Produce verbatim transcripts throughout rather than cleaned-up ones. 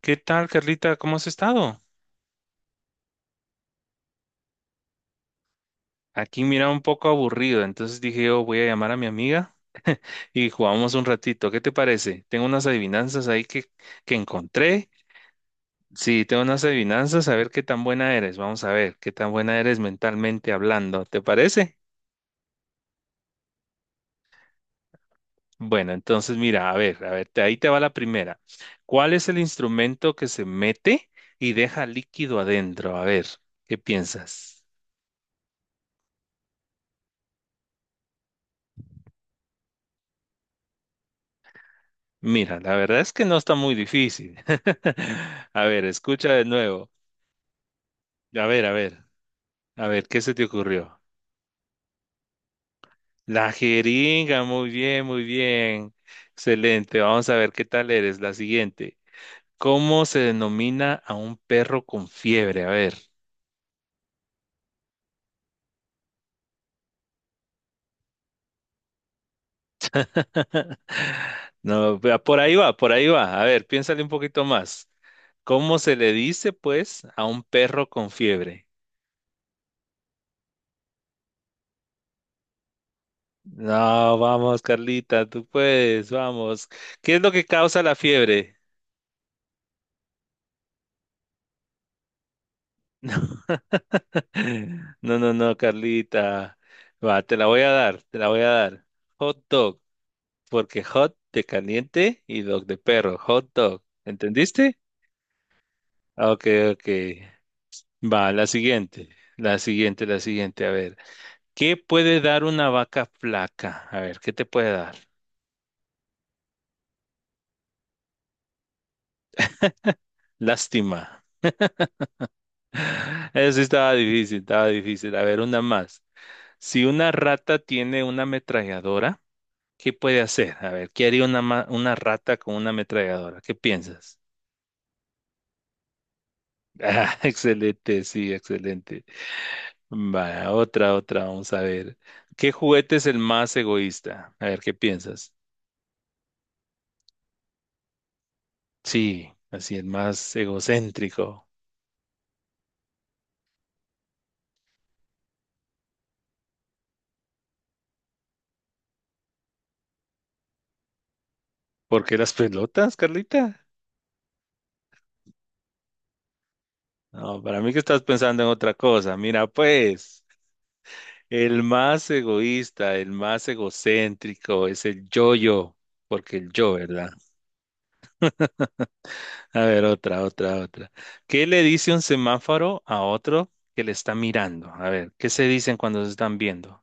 ¿Qué tal, Carlita? ¿Cómo has estado? Aquí mira un poco aburrido, entonces dije yo voy a llamar a mi amiga y jugamos un ratito. ¿Qué te parece? Tengo unas adivinanzas ahí que, que encontré. Sí, tengo unas adivinanzas, a ver qué tan buena eres. Vamos a ver qué tan buena eres mentalmente hablando. ¿Te parece? Bueno, entonces mira, a ver, a ver, te- ahí te va la primera. ¿Cuál es el instrumento que se mete y deja líquido adentro? A ver, ¿qué piensas? Mira, la verdad es que no está muy difícil. A ver, escucha de nuevo. A ver, a ver, a ver, ¿qué se te ocurrió? La jeringa, muy bien, muy bien. Excelente, vamos a ver qué tal eres. La siguiente. ¿Cómo se denomina a un perro con fiebre? A ver. No, vea, por ahí va, por ahí va. A ver, piénsale un poquito más. ¿Cómo se le dice, pues, a un perro con fiebre? No, vamos, Carlita, tú puedes, vamos. ¿Qué es lo que causa la fiebre? No, no, no, Carlita. Va, te la voy a dar, te la voy a dar. Hot dog, porque hot de caliente y dog de perro, hot dog. ¿Entendiste? Ok, ok. Va, la siguiente, la siguiente, la siguiente. A ver, ¿qué puede dar una vaca flaca? A ver, ¿qué te puede dar? Lástima. Eso sí estaba difícil, estaba difícil. A ver, una más. Si una rata tiene una ametralladora, ¿qué puede hacer? A ver, ¿qué haría una, ma- una rata con una ametralladora? ¿Qué piensas? Ah, excelente, sí, excelente. Vaya, otra, otra, vamos a ver. ¿Qué juguete es el más egoísta? A ver, ¿qué piensas? Sí, así el más egocéntrico. ¿Por qué las pelotas, Carlita? No, para mí que estás pensando en otra cosa. Mira, pues, el más egoísta, el más egocéntrico es el yo-yo, porque el yo, ¿verdad? A ver, otra, otra, otra. ¿Qué le dice un semáforo a otro que le está mirando? A ver, ¿qué se dicen cuando se están viendo?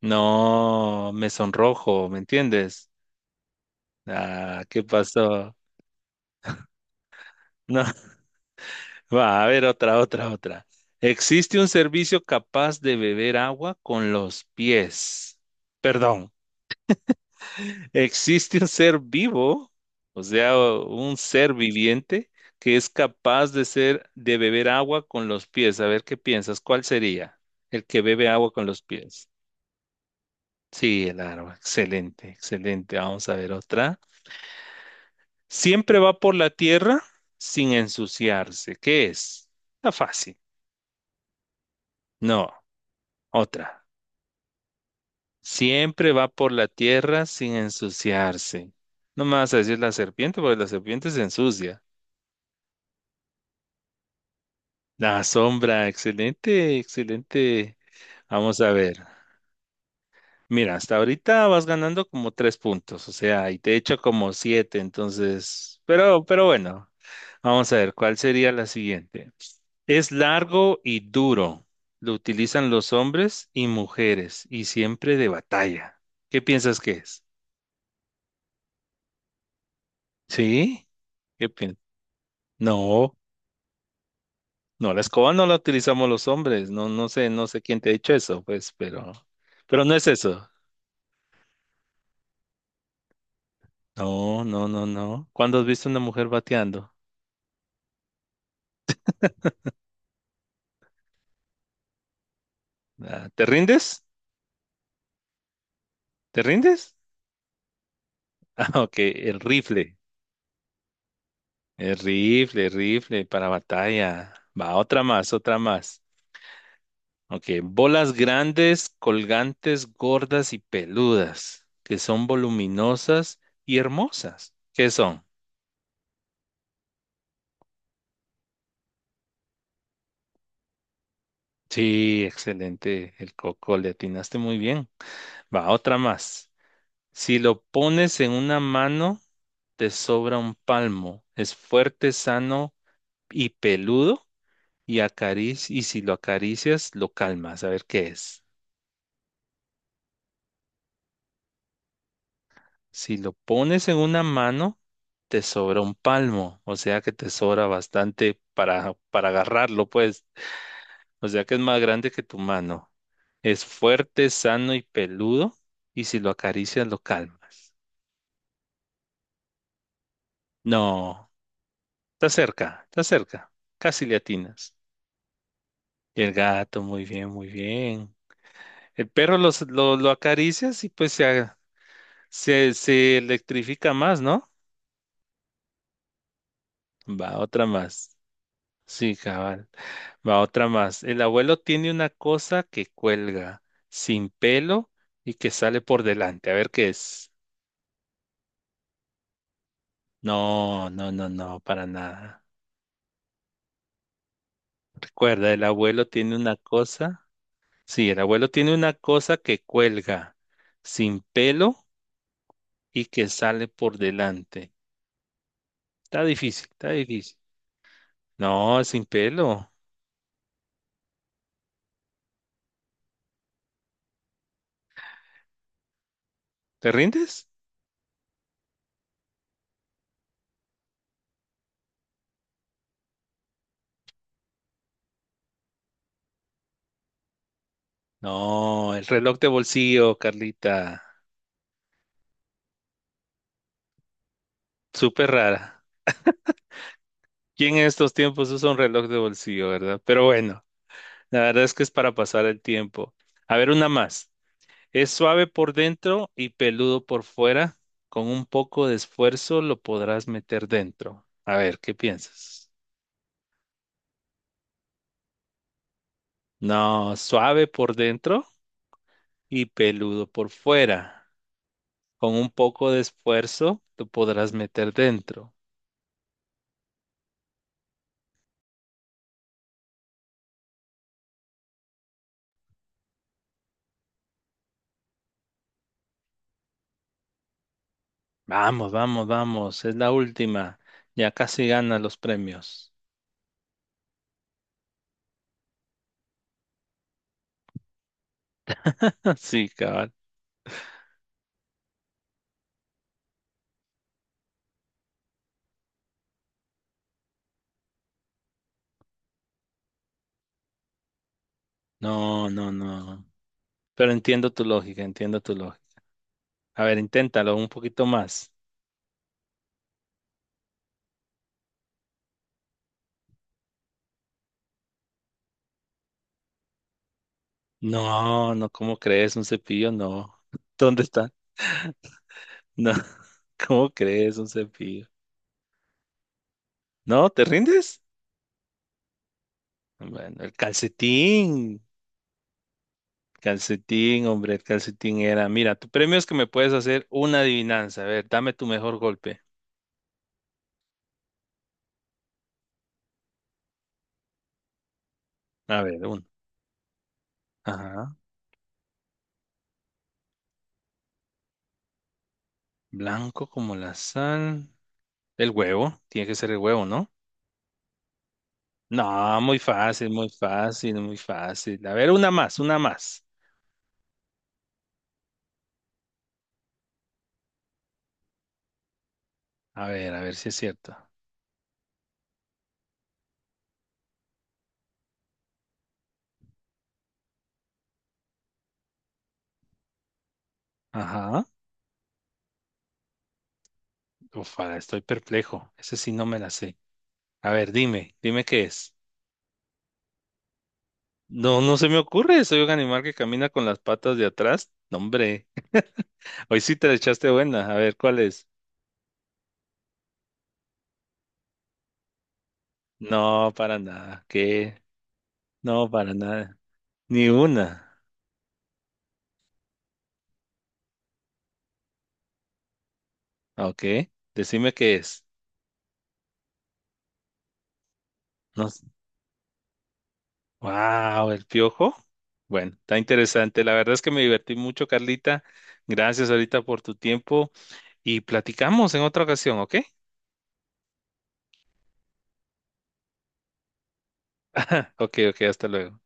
No, me sonrojo, ¿me entiendes? Ah, ¿qué pasó? No. Va, a ver, otra, otra, otra. Existe un servicio capaz de beber agua con los pies. Perdón. Existe un ser vivo, o sea, un ser viviente que es capaz de ser, de beber agua con los pies. A ver qué piensas, ¿cuál sería? El que bebe agua con los pies. Sí, el agua. Excelente, excelente. Vamos a ver otra. Siempre va por la tierra sin ensuciarse. ¿Qué es? Está fácil. No, otra. Siempre va por la tierra sin ensuciarse. No me vas a decir la serpiente, porque la serpiente se ensucia. La sombra, excelente, excelente. Vamos a ver. Mira, hasta ahorita vas ganando como tres puntos, o sea, y te he hecho como siete, entonces, pero, pero bueno, vamos a ver, ¿cuál sería la siguiente? Es largo y duro. Lo utilizan los hombres y mujeres y siempre de batalla. ¿Qué piensas que es? ¿Sí? ¿Qué piensas? No, no, la escoba no la utilizamos los hombres. No, no sé, no sé quién te ha dicho eso, pues, pero, pero no es eso. No, no, no, no. ¿Cuándo has visto una mujer bateando? Ah, ¿te rindes? ¿Te rindes? Ah, ok, el rifle. El rifle, el rifle para batalla. Va, otra más, otra más. Ok, bolas grandes, colgantes, gordas y peludas, que son voluminosas y hermosas. ¿Qué son? Sí, excelente, el coco, le atinaste muy bien. Va, otra más. Si lo pones en una mano, te sobra un palmo. Es fuerte, sano y peludo. Y, acarici- y si lo acaricias, lo calmas. A ver qué es. Si lo pones en una mano, te sobra un palmo. O sea que te sobra bastante para, para agarrarlo, pues. O sea que es más grande que tu mano. Es fuerte, sano y peludo. Y si lo acaricias, lo calmas. No, está cerca, está cerca. Casi le atinas. Y el gato, muy bien, muy bien. El perro los- lo, lo acaricias y pues se, a- se, se electrifica más, ¿no? Va, otra más. Sí, cabal. Va, otra más. El abuelo tiene una cosa que cuelga sin pelo y que sale por delante. A ver qué es. No, no, no, no, para nada. Recuerda, el abuelo tiene una cosa. Sí, el abuelo tiene una cosa que cuelga sin pelo y que sale por delante. Está difícil, está difícil. No, sin pelo. ¿Te rindes? No, el reloj de bolsillo, Carlita. Súper rara. Y en estos tiempos usa un reloj de bolsillo, ¿verdad? Pero bueno, la verdad es que es para pasar el tiempo. A ver, una más. Es suave por dentro y peludo por fuera. Con un poco de esfuerzo lo podrás meter dentro. A ver, ¿qué piensas? No, suave por dentro y peludo por fuera. Con un poco de esfuerzo tú podrás meter dentro. Vamos, vamos, vamos. Es la última. Ya casi ganas los premios. Sí, cabal. No, no, no. Pero entiendo tu lógica, entiendo tu lógica. A ver, inténtalo un poquito más. No, no, ¿cómo crees? Un cepillo, no. ¿Dónde está? No, ¿cómo crees? Un cepillo. ¿No? ¿Te rindes? Bueno, el calcetín. Calcetín, hombre, el calcetín era. Mira, tu premio es que me puedes hacer una adivinanza. A ver, dame tu mejor golpe. A ver, uno. Ajá. Blanco como la sal. El huevo. Tiene que ser el huevo, ¿no? No, muy fácil, muy fácil, muy fácil. A ver, una más, una más. A ver, a ver si es cierto. Ajá. Ufa, estoy perplejo. Ese sí no me la sé. A ver, dime, dime qué es. No, no se me ocurre. Soy un animal que camina con las patas de atrás. No, hombre. Hoy sí te la echaste buena. A ver, ¿cuál es? No, para nada. ¿Qué? No, para nada. Ni una. Ah, ok. Decime qué es. No. Wow, el piojo. Bueno, está interesante. La verdad es que me divertí mucho, Carlita. Gracias ahorita por tu tiempo y platicamos en otra ocasión, ¿ok? Ok, ok, hasta luego.